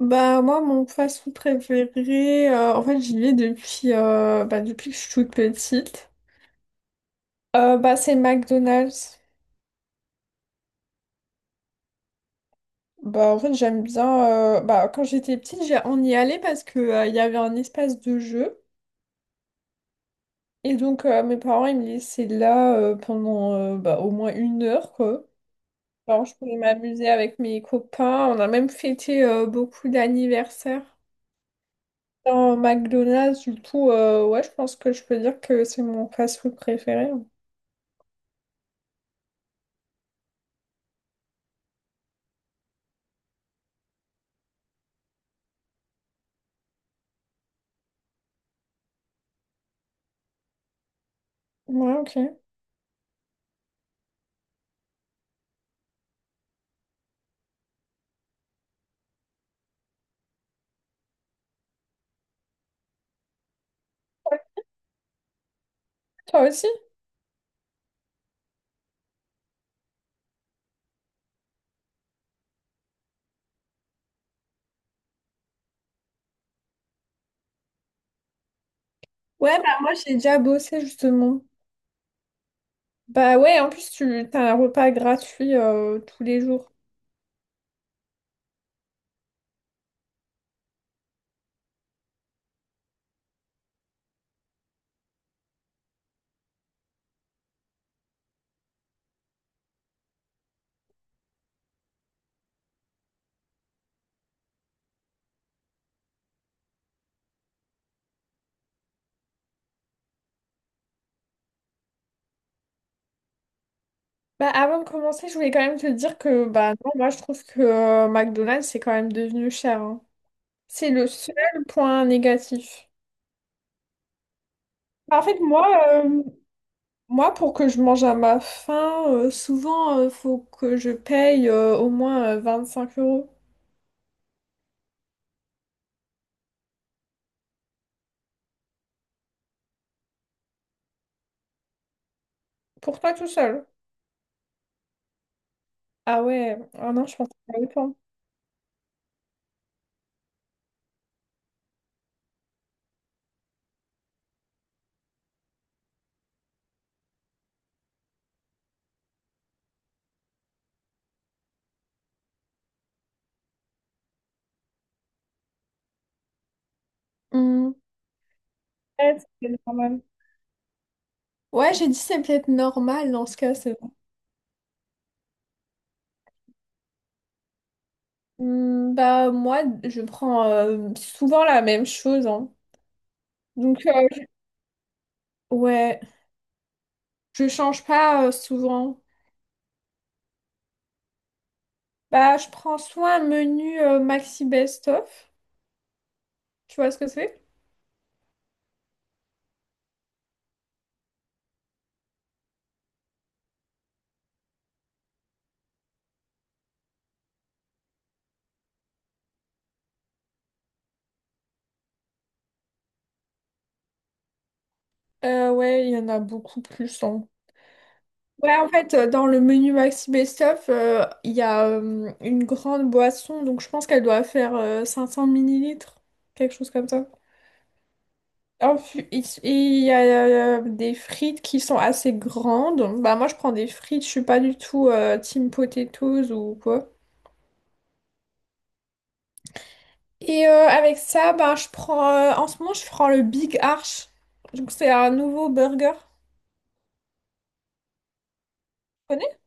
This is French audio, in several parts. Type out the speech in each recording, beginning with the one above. Moi mon fast-food préféré, en fait j'y vais depuis, depuis que je suis toute petite. C'est McDonald's. En fait j'aime bien, quand j'étais petite on y allait parce que il y avait un espace de jeu et donc mes parents ils me laissaient là pendant au moins une heure quoi. Alors je pouvais m'amuser avec mes copains, on a même fêté beaucoup d'anniversaires. Dans McDonald's du coup ouais je pense que je peux dire que c'est mon fast-food préféré, hein. Ouais, ok. Toi aussi? Ouais, bah moi j'ai déjà bossé justement. Bah ouais, en plus tu t'as un repas gratuit tous les jours. Bah avant de commencer, je voulais quand même te dire que bah non, moi je trouve que McDonald's c'est quand même devenu cher, hein. C'est le seul point négatif. Bah, en fait, moi, euh, moi pour que je mange à ma faim, souvent faut que je paye au moins 25 euros. Pour toi tout seul. Ah ouais, ah non, je pense pas autant. Hmm. Ouais, c'est normal. Ouais, j'ai dit c'est peut-être normal dans ce cas, c'est... Hmm, bah moi, je prends souvent la même chose, hein. Donc euh, ouais, je change pas souvent. Bah je prends soit un menu maxi best-of. Tu vois ce que c'est? Ouais, il y en a beaucoup plus, hein. Ouais, en fait, dans le menu maxi best-of, il y a une grande boisson. Donc je pense qu'elle doit faire 500 millilitres, quelque chose comme ça. Il y a des frites qui sont assez grandes. Bah moi je prends des frites, je suis pas du tout team potatoes ou quoi. Et avec ça, bah, je prends en ce moment je prends le Big Arch. Donc c'est un nouveau burger. Tu connais?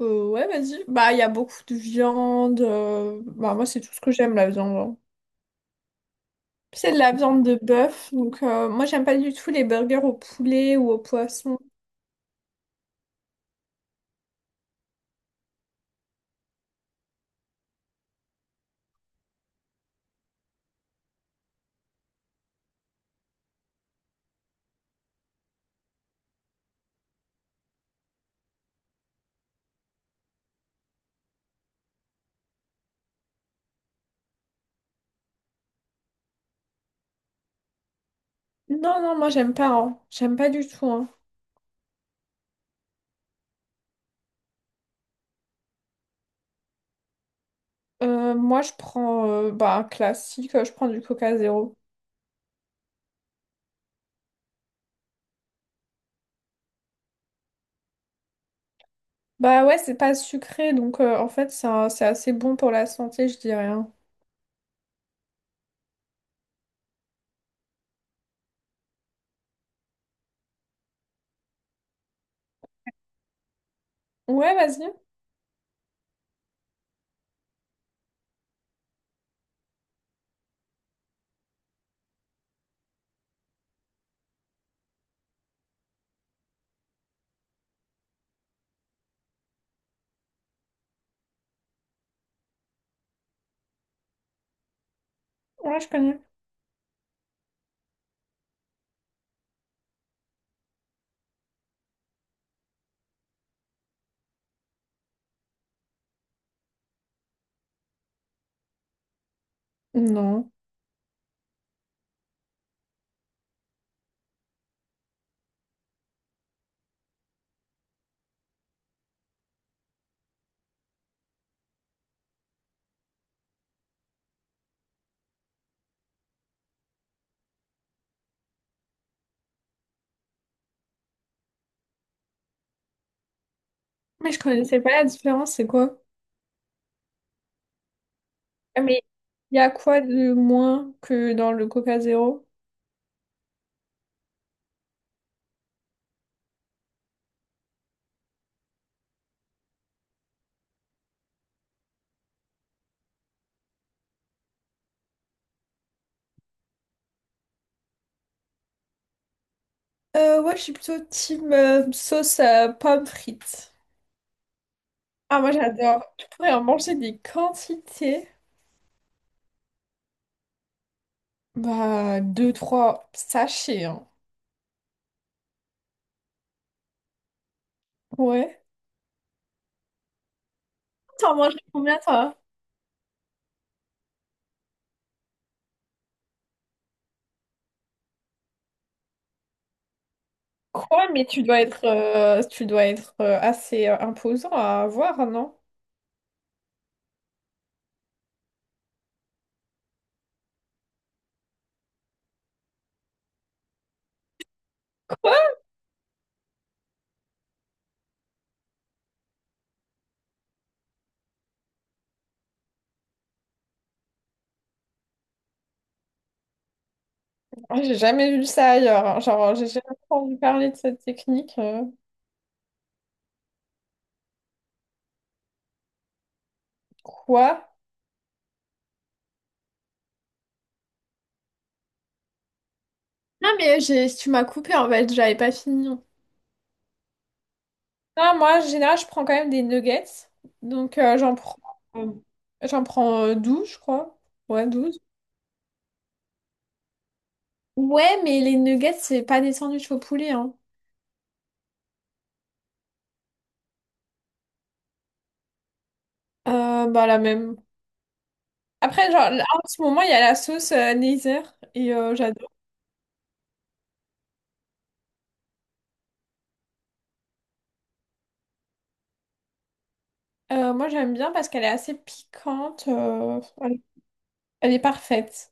Ouais, vas-y. Bah il y a beaucoup de viande. Bah moi c'est tout ce que j'aime la viande, hein. C'est de la viande de bœuf. Donc moi j'aime pas du tout les burgers au poulet ou au poisson. Non, non, moi j'aime pas, hein. J'aime pas du tout, hein. Moi, je prends un classique, je prends du Coca Zéro. Bah ouais, c'est pas sucré, donc en fait, c'est assez bon pour la santé, je dirais, hein. Ouais, vas-y. Ouais, je connais. Non. Mais je connaissais pas la différence, c'est quoi? Ah, mais il y a quoi de moins que dans le Coca Zéro? Ouais, je suis plutôt team sauce pomme frites. Ah, moi, j'adore. Je pourrais en manger des quantités. Bah, deux, trois sachets, hein. Ouais. T'en manges combien, toi? Quoi? Mais tu dois être assez imposant à avoir, non? Quoi? Ah, j'ai jamais vu ça ailleurs, hein. Genre, j'ai jamais entendu parler de cette technique. Quoi? Non, tu m'as coupé en fait, j'avais pas fini. Non, moi, en général, je prends quand même des nuggets. Donc, euh, j'en prends 12, je crois. Ouais, douze. Ouais, mais les nuggets, c'est pas des sandwichs au poulet, hein. Bah, la même. Après, genre, là, en ce moment, il y a la sauce Nether et j'adore. Moi, j'aime bien parce qu'elle est assez piquante. Elle elle est parfaite.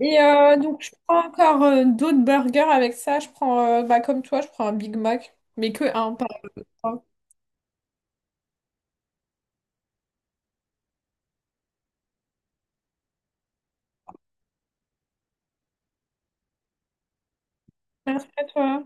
Et donc, je prends encore d'autres burgers avec ça. Comme toi, je prends un Big Mac, mais que un par fois. Merci à toi.